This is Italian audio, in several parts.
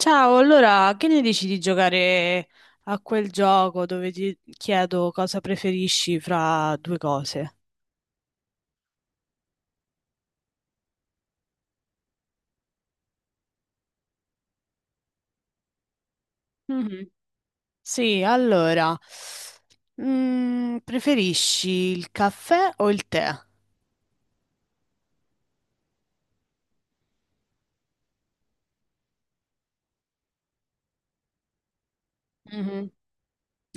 Ciao, allora che ne dici di giocare a quel gioco dove ti chiedo cosa preferisci fra due cose? Mhm. Sì, allora, preferisci il caffè o il tè? Mhm.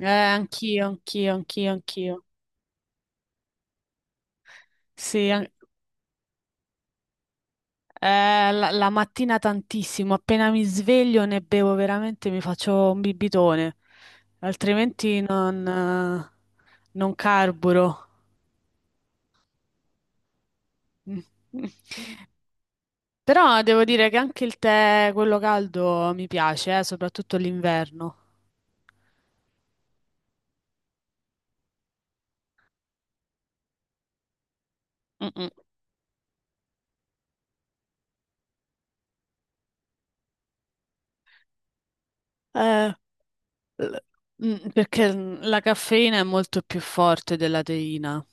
Anch'io, anch'io, anch'io, anch'io. Sì, an- la mattina tantissimo, appena mi sveglio ne bevo veramente, mi faccio un bibitone, altrimenti non carburo. Però devo dire che anche il tè, quello caldo, mi piace, soprattutto l'inverno. Mm-mm. Eh, l- perché la caffeina è molto più forte della teina.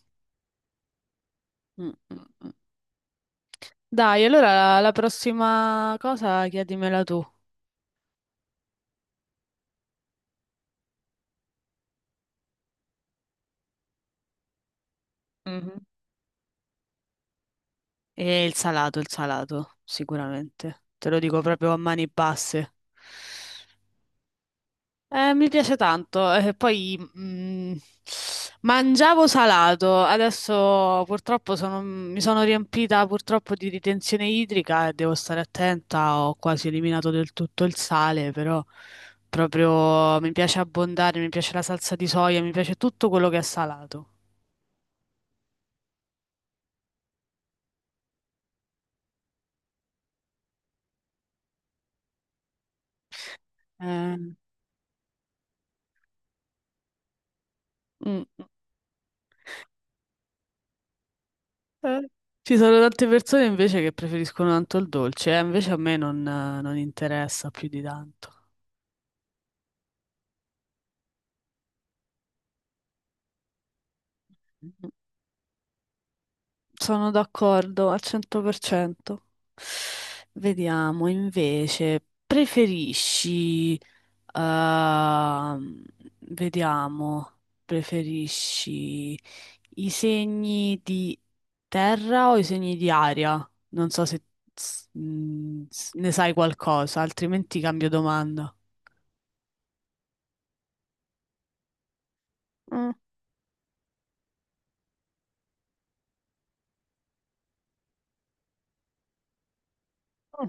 Mm-mm. Dai, allora la prossima cosa chiedimela tu. Mhm. E il salato, sicuramente. Te lo dico proprio a mani basse. Mi piace tanto, poi mangiavo salato, adesso mi sono riempita purtroppo di ritenzione idrica e devo stare attenta, ho quasi eliminato del tutto il sale, però proprio mi piace abbondare, mi piace la salsa di soia, mi piace tutto quello che è salato. Eh, mm, eh, Ci sono tante persone invece che preferiscono tanto il dolce, invece a me non interessa più di tanto. Sono d'accordo al 100%. Vediamo invece, ehm, vediamo, preferisci i segni di terra o i segni di aria? Non so se ne sai qualcosa, altrimenti cambio domanda. Mm, mm,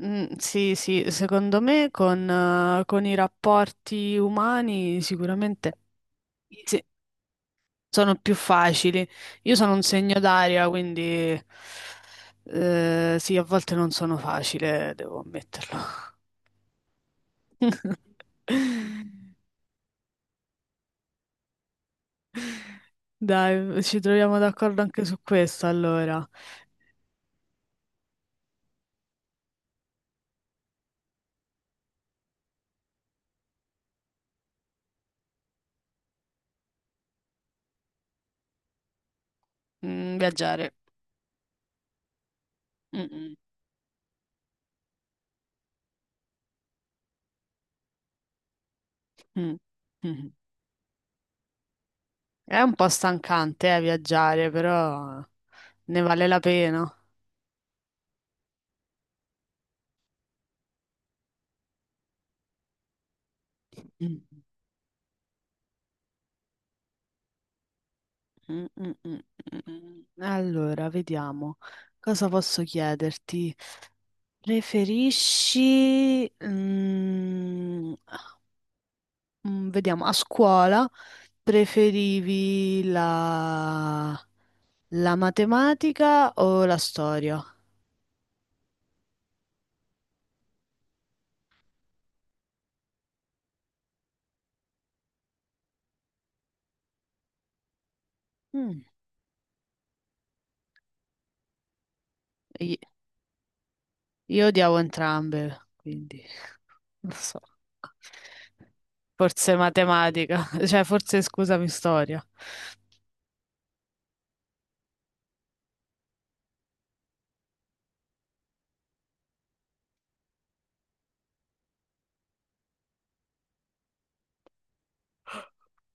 mm, sì, sì, secondo me con i rapporti umani sicuramente. Sì, sono più facili. Io sono un segno d'aria, quindi sì, a volte non sono facile, devo ammetterlo. Dai, ci troviamo d'accordo anche su questo, allora. Mm, viaggiare. Mm, mm, mm, mm, mm. È un po' stancante, viaggiare, però ne vale la pena. Mm, mm, mm, mm, mm, mm. Allora, vediamo. Cosa posso chiederti? Preferisci, mm, mm, vediamo, a scuola preferivi la matematica o la storia? Mm, i- Io odiavo entrambe, quindi non so. Forse matematica, cioè forse scusami, storia.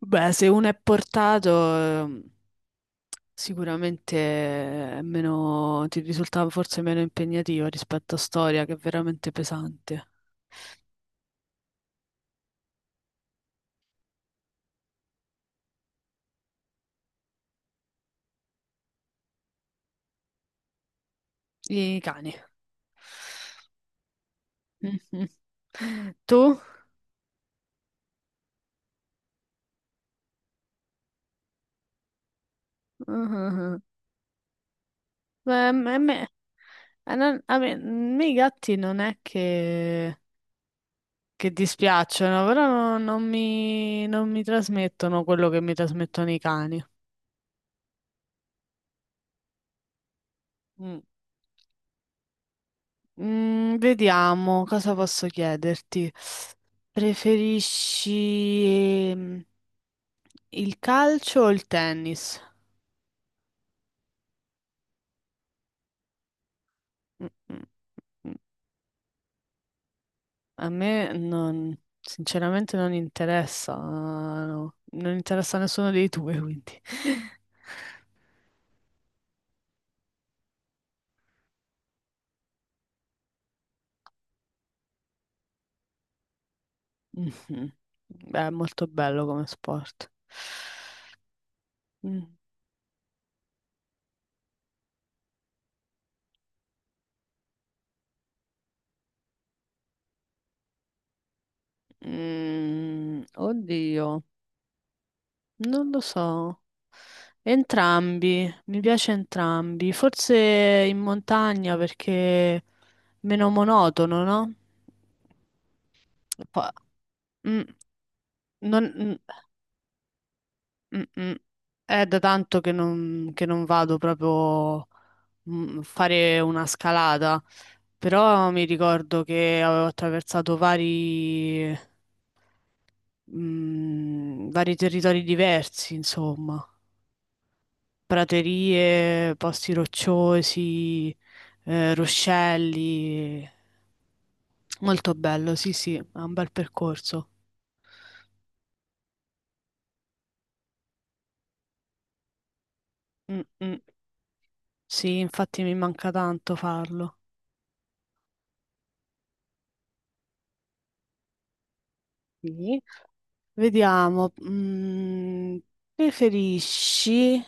Beh, se uno è portato, eh, sicuramente è meno, ti risultava forse meno impegnativo rispetto a storia, che è veramente pesante. I cani. Mhm. Tu? Mhm. Beh, a me i gatti non è che dispiacciono, però non mi trasmettono quello che mi trasmettono i cani. Mm. Mm, vediamo cosa posso chiederti. Preferisci ehm, il calcio o il tennis? Mm, mm, mm. A me non, sinceramente non interessa, no. Non interessa a nessuno dei due, quindi. Mhm. Beh, è molto bello come sport. Mm. Mm, oddio. Non lo so. Entrambi, mi piace entrambi. Forse in montagna perché è meno monotono, no? Po- mm, non- mm, mm. È da tanto che non vado proprio a fare una scalata, però mi ricordo che avevo attraversato vari territori diversi, insomma. Praterie, posti rocciosi, ruscelli. Molto bello, sì, sì, è un bel percorso. Mm, mm. Sì, infatti mi manca tanto farlo. Sì. Vediamo, preferisci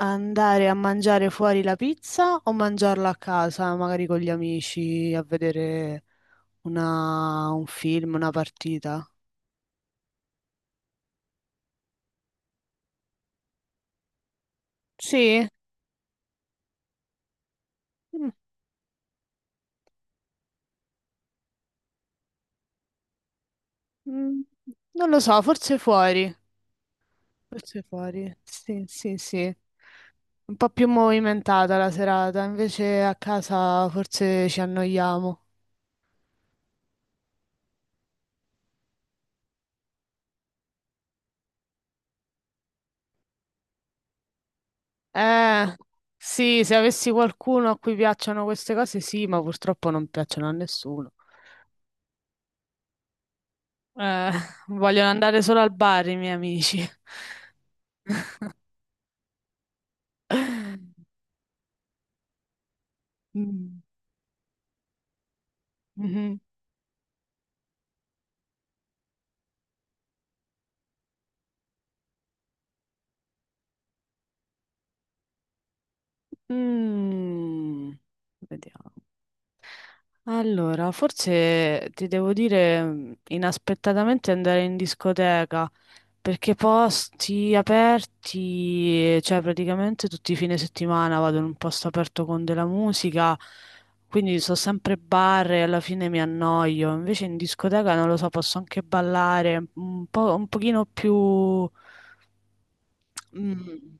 andare a mangiare fuori la pizza o mangiarla a casa, magari con gli amici, a vedere un film, una partita? Sì, Mm, mm, non lo so, forse fuori. Forse fuori, sì, sì, sì. Un po' più movimentata la serata, invece a casa forse ci annoiamo. Eh, sì, se avessi qualcuno a cui piacciono queste cose, sì, ma purtroppo non piacciono a nessuno. Eh, vogliono andare solo al bar i miei amici. Mm, mhm. Mm, vediamo. Allora, forse ti devo dire inaspettatamente andare in discoteca. Perché posti aperti, cioè praticamente tutti i fine settimana vado in un posto aperto con della musica, quindi so sempre bar e alla fine mi annoio. Invece in discoteca non lo so, posso anche ballare un po', un pochino più... mm,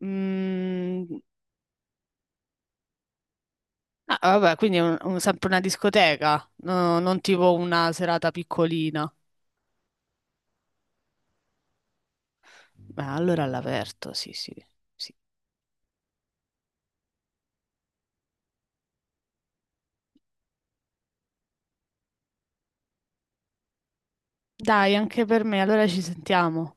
mm, ah, vabbè, quindi è sempre una discoteca, non tipo una serata piccolina. Beh, allora all'aperto, sì, sì, sì. Dai, anche per me, allora ci sentiamo.